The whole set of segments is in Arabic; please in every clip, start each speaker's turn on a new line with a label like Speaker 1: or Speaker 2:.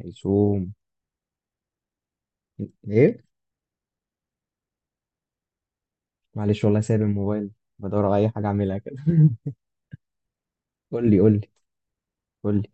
Speaker 1: هيسوم، ايه. معلش والله، سايب الموبايل، بدور على اي حاجه اعملها كده. قول لي، قول لي، قول لي.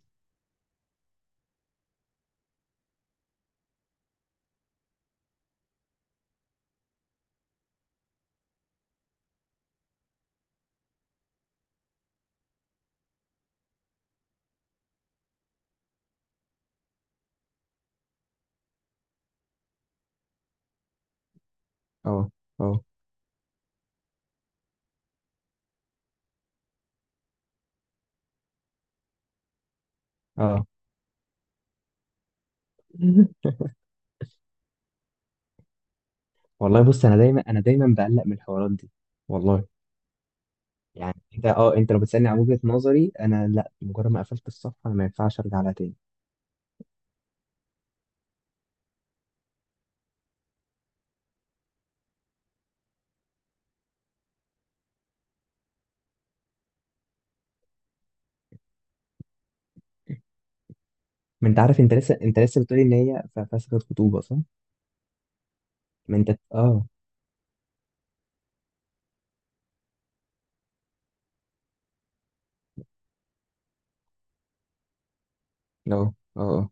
Speaker 1: اه، اه، اه. والله بص، انا دايما بقلق من الحوارات دي، والله. يعني انت لو بتسالني عن وجهه نظري، انا لا، مجرد ما قفلت الصفحه انا ما ينفعش ارجع لها تاني. ما انت عارف، انت لسه بتقولي ان هي فسخة خطوبه، صح؟ ما انت، اه، اه، اه، آه.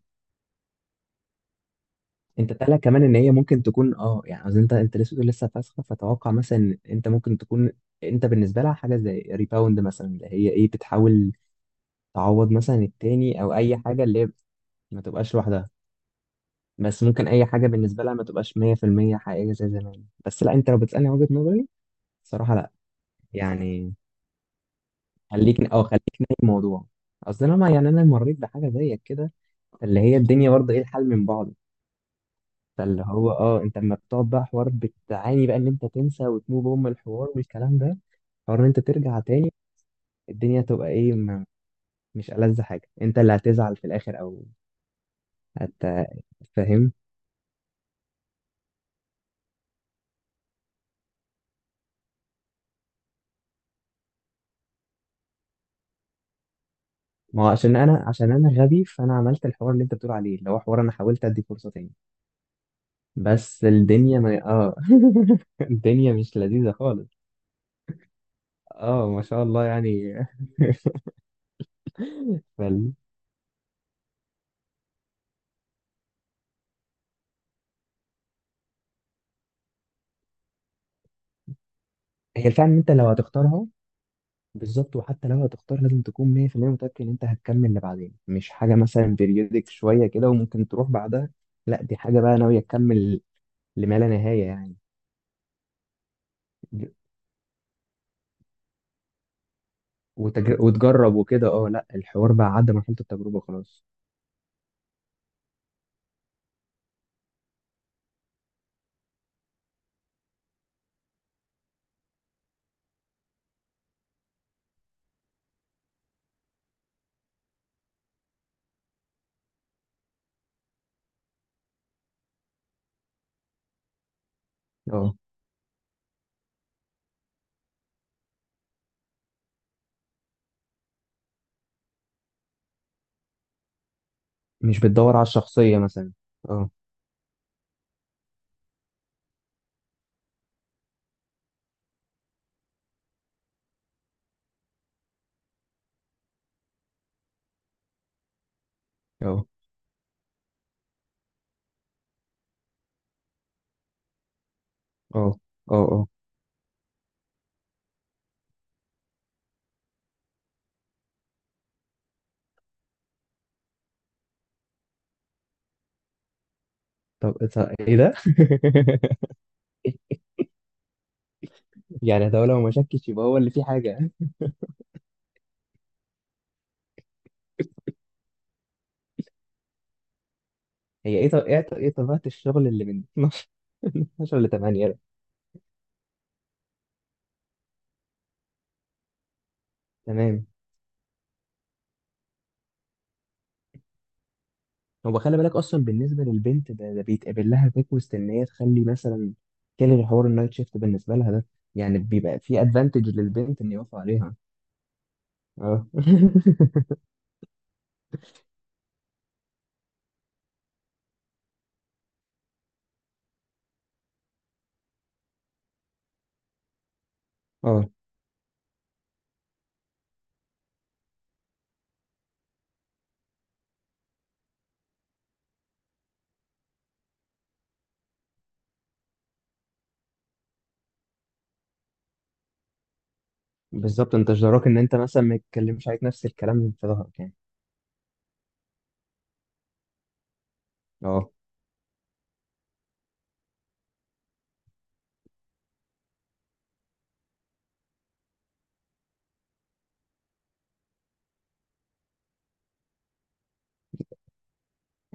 Speaker 1: انت طالع كمان ان هي ممكن تكون، يعني عايز، انت لسه بتقول لسه فاسخه، فتوقع مثلا ان انت ممكن تكون انت بالنسبه لها حاجه زي ريباوند، مثلا اللي هي ايه، بتحاول تعوض مثلا التاني، او اي حاجه اللي هي ما تبقاش لوحدها. بس ممكن اي حاجه بالنسبه لها ما تبقاش 100% حقيقيه زي زمان. بس لا، انت لو بتسالني وجهه نظري، صراحه لا، يعني. خليك نايم الموضوع. اصل انا، ما يعني انا مريت بحاجه زيك كده، اللي هي الدنيا برضه ايه الحل من بعض. فاللي هو انت لما بتقعد بقى حوار، بتعاني بقى ان انت تنسى وتموف اون من الحوار والكلام ده. حوار ان انت ترجع تاني، الدنيا تبقى ايه، ما مش ألذ حاجة؟ انت اللي هتزعل في الاخر، او هت فاهم. ما هو عشان انا غبي، فانا عملت الحوار اللي انت بتقول عليه، اللي هو حوار انا حاولت ادي فرصة تاني. بس الدنيا، ما اه الدنيا مش لذيذة خالص. اه، ما شاء الله يعني. فال... هي الفعل ان انت لو هتختارها. بالظبط، وحتى لو هتختار لازم تكون 100% متأكد إن أنت هتكمل لبعدين، مش حاجة مثلا بيريودك شوية كده وممكن تروح بعدها. لا، دي حاجة بقى ناوية تكمل لما لا نهاية يعني. وتجرب وكده. اه لا، الحوار بقى عدى مرحلة التجربة خلاص. اه، مش بتدور على الشخصية مثلا. اه، اه، اه، اه، اه. طب إيه؟ طب ايه ده؟ يعني ده لو ما شكش يبقى هو اللي فيه حاجة. هي ايه طب ايه طب- إيه طبيعة الشغل اللي من 12 ل 8؟ تمام. هو خلي بالك، اصلا بالنسبه للبنت ده بيتقابل لها ريكوست ان هي تخلي مثلا تلغي حوار النايت شيفت بالنسبه لها ده. يعني بيبقى في ادفانتج للبنت ان يوافق عليها. اه. اه، بالظبط، انت جدراك ان انت مثلا ما تتكلمش عليك نفس الكلام في ظهرك يعني. اه.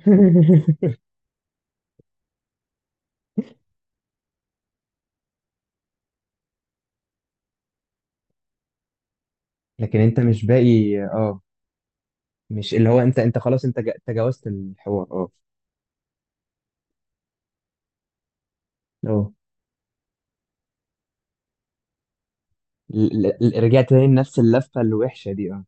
Speaker 1: لكن انت مش باقي، مش اللي هو، انت خلاص انت تجاوزت الحوار. اه. اه رجعت تاني لنفس اللفه الوحشه دي. اه.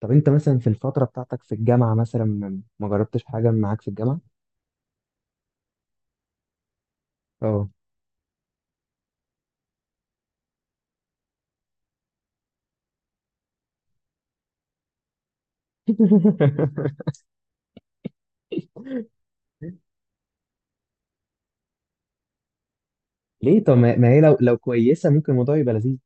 Speaker 1: طب انت مثلا في الفتره بتاعتك في الجامعه، مثلا ما جربتش حاجه معاك في الجامعه؟ اه. ليه؟ طب ما هي، لو كويسه ممكن الموضوع يبقى لذيذ.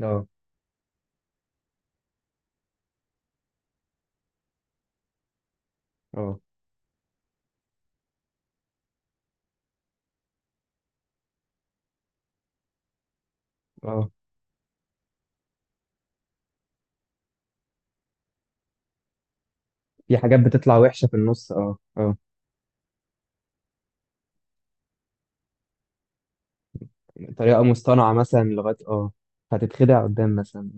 Speaker 1: اه، اه، اه. في حاجات بتطلع وحشه في النص. اه، اه. طريقه مصطنعه مثلا لغايه. اه. هتتخدع قدام مثلا.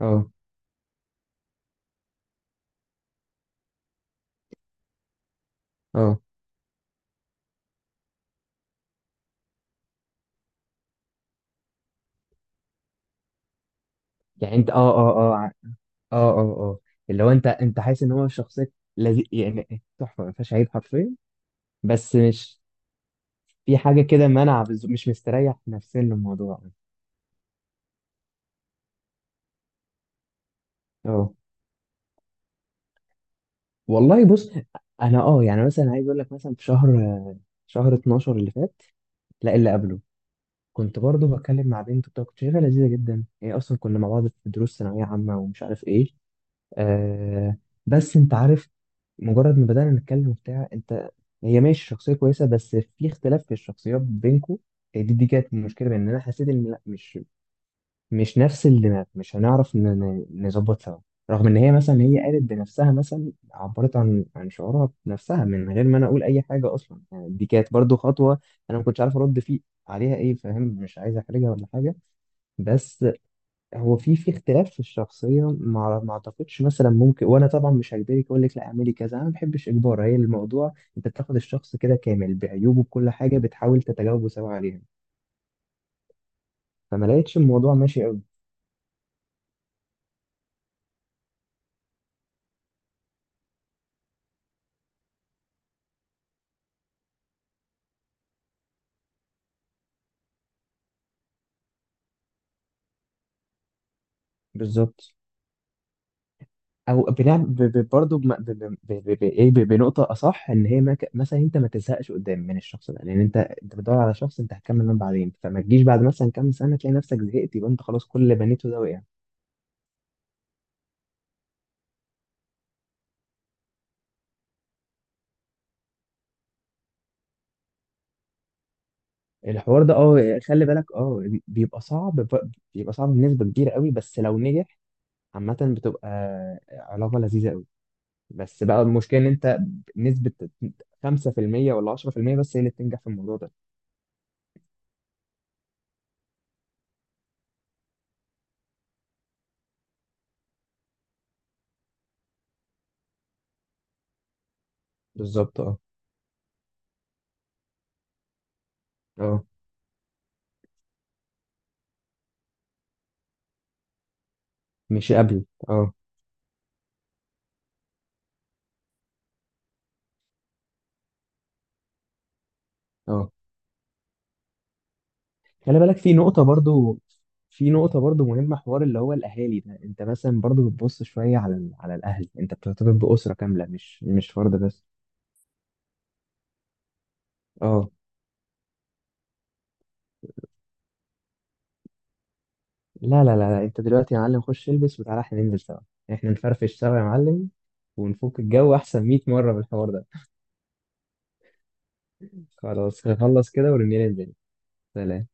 Speaker 1: اه، اه. يعني انت، اه، اه، اه، اه، اه، اه، اللي هو انت حاسس ان هو شخصيه لذيذ، يعني تحفه ما فيهاش عيب حرفيا. بس مش، في حاجه كده منع، مش مستريح نفسيا للموضوع. اه. والله بص، انا يعني مثلا عايز اقول لك مثلا، في شهر 12 اللي فات، لا اللي قبله، كنت برضه بتكلم مع بنت بتاع، كنت شايفها لذيذه جدا. هي اصلا كنا مع بعض في دروس ثانويه عامه ومش عارف ايه. آه. بس انت عارف، مجرد ما بدانا نتكلم بتاع، انت، هي ماشي شخصيه كويسه بس في اختلاف في الشخصيات بينكم. دي كانت مشكله، بان انا حسيت ان لا، مش نفس الدماغ، مش هنعرف نظبط سوا، رغم ان هي مثلا، هي قالت بنفسها، مثلا عبرت عن شعورها بنفسها من غير ما انا اقول اي حاجه اصلا، يعني دي كانت برضو خطوه. انا ما كنتش عارف ارد فيه عليها ايه، فاهم، مش عايز احرجها ولا حاجه. بس هو في اختلاف في الشخصيه، ما اعتقدش مثلا ممكن، وانا طبعا مش هجبرك اقول لك لا اعملي كذا، انا ما بحبش اجبار. هي الموضوع انت بتاخد الشخص كده كامل بعيوبه، بكل حاجه بتحاول تتجاوبوا سوا عليها، فما لقيتش الموضوع ماشي قوي. بالظبط، او بنعمل برضه ايه، بنقطه اصح، ان هي ما ك- مثلا انت ما تزهقش قدام من الشخص ده، لان انت بتدور على شخص انت هتكمل معاه بعدين، فما تجيش بعد مثلا كام سنه تلاقي نفسك زهقت، يبقى انت خلاص كل اللي بنيته ده وقع. الحوار ده، خلي بالك، بيبقى صعب، بيبقى صعب بنسبه كبيره قوي، بس لو نجح عامه بتبقى علاقه لذيذه قوي. بس بقى المشكله ان انت، نسبه 5% ولا 10% بس هي اللي بتنجح في الموضوع ده. بالظبط. اه، اه. مش قبل. اه، اه. خلي بالك في نقطة برضو مهمة، حوار اللي هو الأهالي ده. أنت مثلا برضو بتبص شوية على على الأهل، أنت بترتبط بأسرة كاملة، مش فرد بس. أه. لا لا لا لا، أنت دلوقتي يا معلم خش البس وتعالى، إحنا ننزل سوا. إحنا نفرفش سوا يا معلم، ونفك الجو أحسن 100 مرة بالحوار ده. خلاص نخلص كده ورنينا ننزل. سلام.